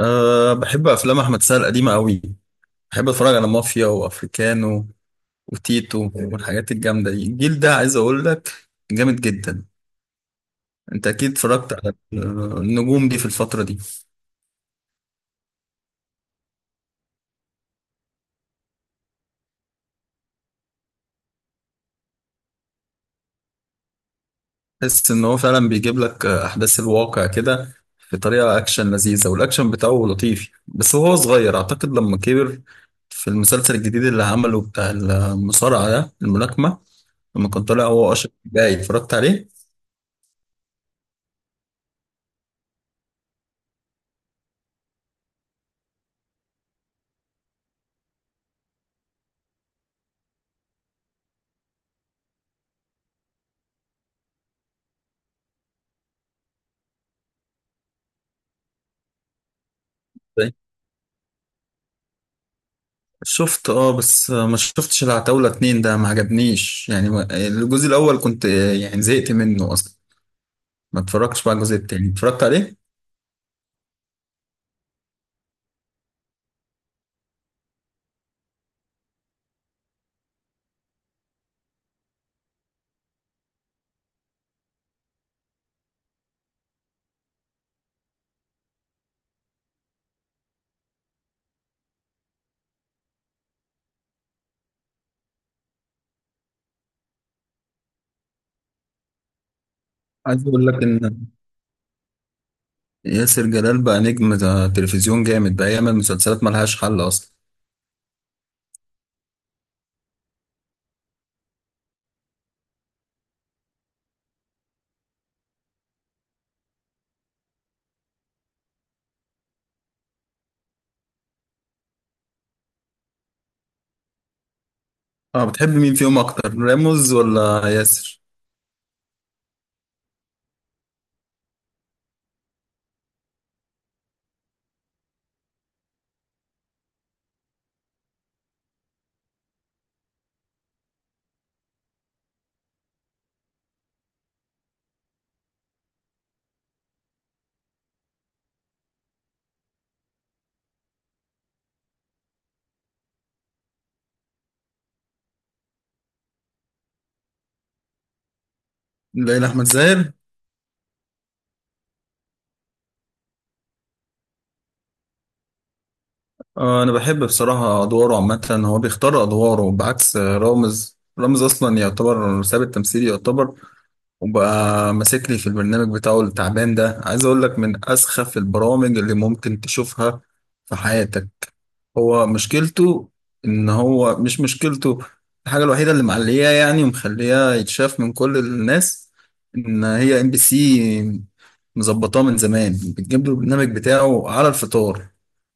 أه، بحب أفلام أحمد سعد القديمة أوي. بحب أتفرج على مافيا وأفريكانو وتيتو والحاجات الجامدة دي. الجيل ده، عايز أقول لك، جامد جدا. أنت أكيد اتفرجت على النجوم دي في الفترة دي. تحس إن هو فعلا بيجيب لك أحداث الواقع كده، بطريقة أكشن لذيذة، والأكشن بتاعه لطيف، بس هو صغير أعتقد، لما كبر في المسلسل الجديد اللي عمله بتاع المصارعة ده، الملاكمة، لما كان طالع هو أشرف جاي اتفرجت عليه. شفت، اه، بس ما شفتش العتاولة اتنين ده، ما عجبنيش يعني، الجزء الأول كنت، يعني زهقت منه أصلا. ما اتفرجتش بقى على الجزء التاني، اتفرجت عليه. عايز أقول لك إن ياسر جلال بقى نجم، ده تلفزيون جامد، بقى يعمل مسلسلات ملهاش حل أصلا. اه، بتحب مين فيهم أكتر، راموز ولا ياسر؟ ليلى أحمد زاهر؟ آه، أنا بحب بصراحة أدواره عامة، هو بيختار أدواره بعكس، رامز أصلا يعتبر ساب التمثيل يعتبر، وبقى ماسك لي في البرنامج بتاعه التعبان ده. عايز اقول لك من اسخف البرامج اللي ممكن تشوفها في حياتك. هو مشكلته، ان هو، مش مشكلته. الحاجة الوحيدة اللي معلياه يعني ومخلياه يتشاف من كل الناس، ان هي MBC مظبطاه من زمان، بتجيب له البرنامج بتاعه على الفطار،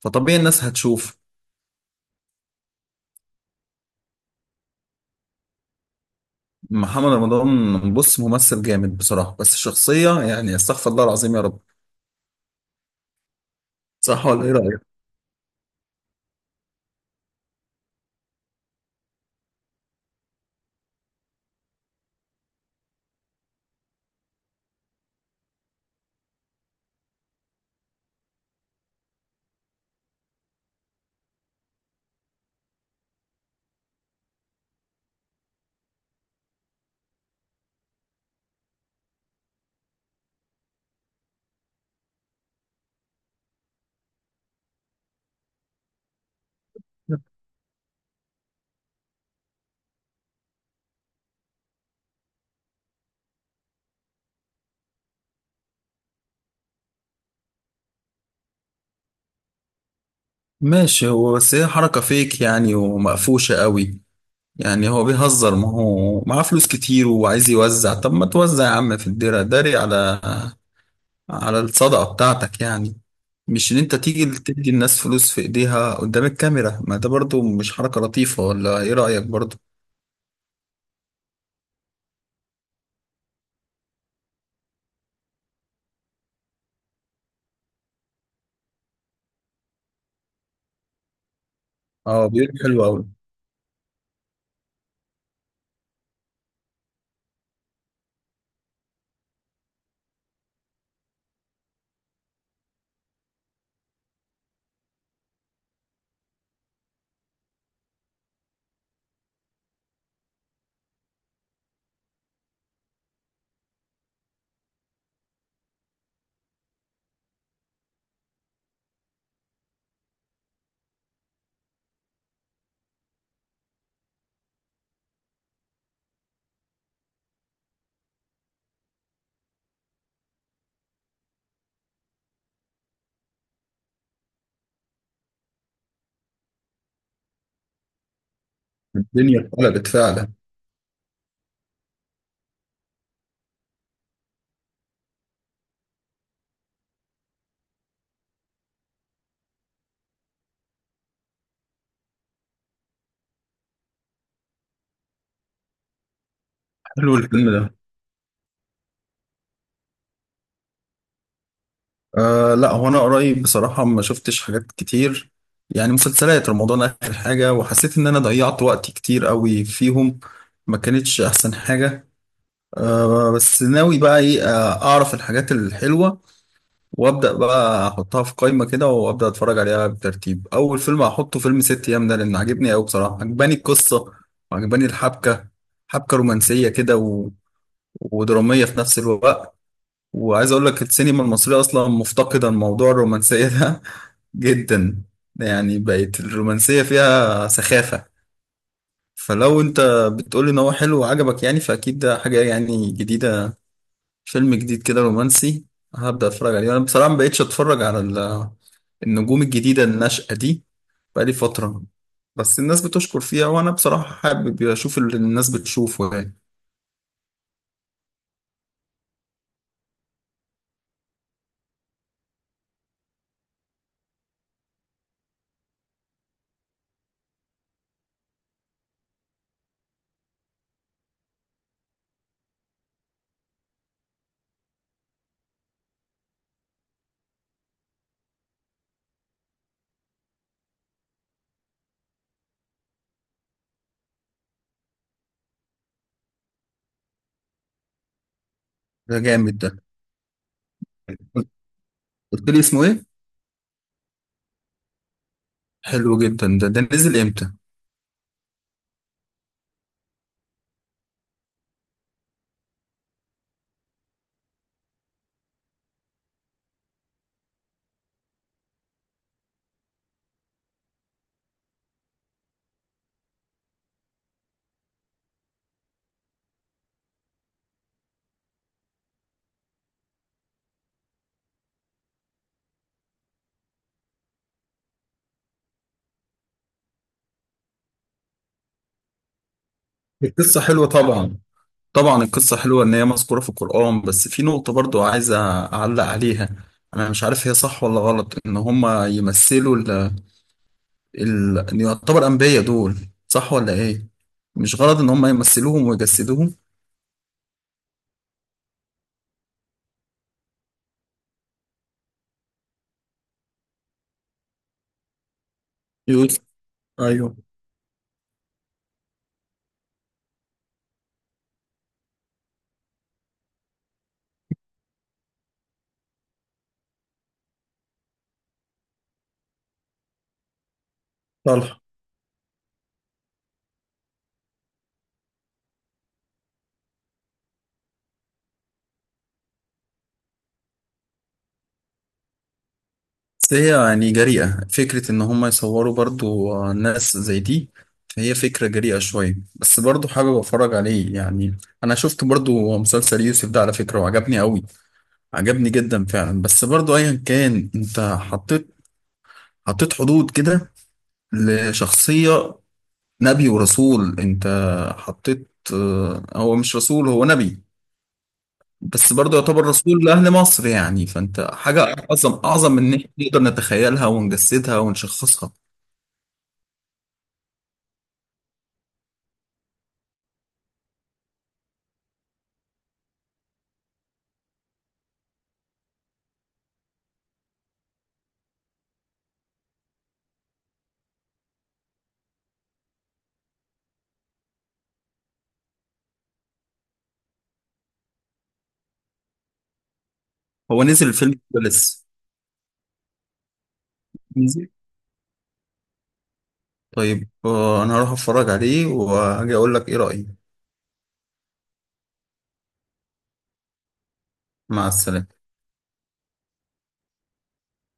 فطبيعي الناس هتشوف. محمد رمضان، بص، ممثل جامد بصراحة، بس شخصية يعني، استغفر الله العظيم يا رب. صح ولا ايه رأيك؟ ماشي، هو بس هي حركة فيك يعني، ومقفوشة قوي. يعني هو بيهزر، ما هو معاه فلوس كتير وعايز يوزع. طب ما توزع يا عم في الدرع، داري على الصدقة بتاعتك يعني. مش ان انت تيجي تدي الناس فلوس في ايديها قدام الكاميرا. ما ده برضو مش حركة لطيفة، ولا ايه رأيك برضو؟ اه، بيقول حلو قوي. الدنيا اتقلبت فعلا. حلو الفيلم ده. أه لا، هو انا قريب بصراحه ما شفتش حاجات كتير، يعني مسلسلات رمضان اخر حاجه، وحسيت ان انا ضيعت وقت كتير قوي فيهم، ما كانتش احسن حاجه. أه، بس ناوي بقى ايه، اعرف الحاجات الحلوه وابدا بقى احطها في قائمه كده، وابدا اتفرج عليها بترتيب. اول فيلم هحطه فيلم ست ايام ده، لان عجبني قوي بصراحه، عجباني القصه وعجباني الحبكه، حبكه رومانسيه كده، ودراميه في نفس الوقت. وعايز اقول لك السينما المصريه اصلا مفتقده الموضوع الرومانسيه ده جدا. يعني بقت الرومانسية فيها سخافة. فلو انت بتقول ان هو حلو وعجبك، يعني فاكيد ده حاجة يعني جديدة، فيلم جديد كده رومانسي، هبدأ اتفرج عليه. انا بصراحة ما بقتش اتفرج على النجوم الجديدة الناشئة دي بقالي فترة، بس الناس بتشكر فيها، وانا بصراحة حابب اشوف اللي الناس بتشوفه يعني. ده جامد ده. قلت لي اسمه ايه؟ حلو جدا ده. ده نزل امتى؟ القصة حلوة طبعا. طبعا القصة حلوة إن هي مذكورة في القرآن، بس في نقطة برضو عايز أعلق عليها. أنا مش عارف هي صح ولا غلط إن هما يمثلوا ال إن يعتبر أنبياء دول. صح ولا إيه؟ مش غلط إن هما يمثلوهم ويجسدوهم. يوسف. أيوه. صالح. بس هي يعني جريئة فكرة إن هما يصوروا برضو، ناس زي دي. فهي فكرة جريئة شوية، بس برضو حابب أتفرج عليه يعني. أنا شفت برضو مسلسل يوسف ده على فكرة، وعجبني أوي، عجبني جدا فعلا. بس برضو ايا كان، انت حطيت حدود كده لشخصية نبي ورسول. انت حطيت، هو مش رسول، هو نبي، بس برضو يعتبر رسول لأهل مصر يعني. فانت حاجة أعظم أعظم من إن إحنا نقدر نتخيلها ونجسدها ونشخصها. هو نزل الفيلم ده لسه نزل؟ طيب، أنا هروح أتفرج عليه وهاجي أقول لك إيه رأيي. مع السلامة.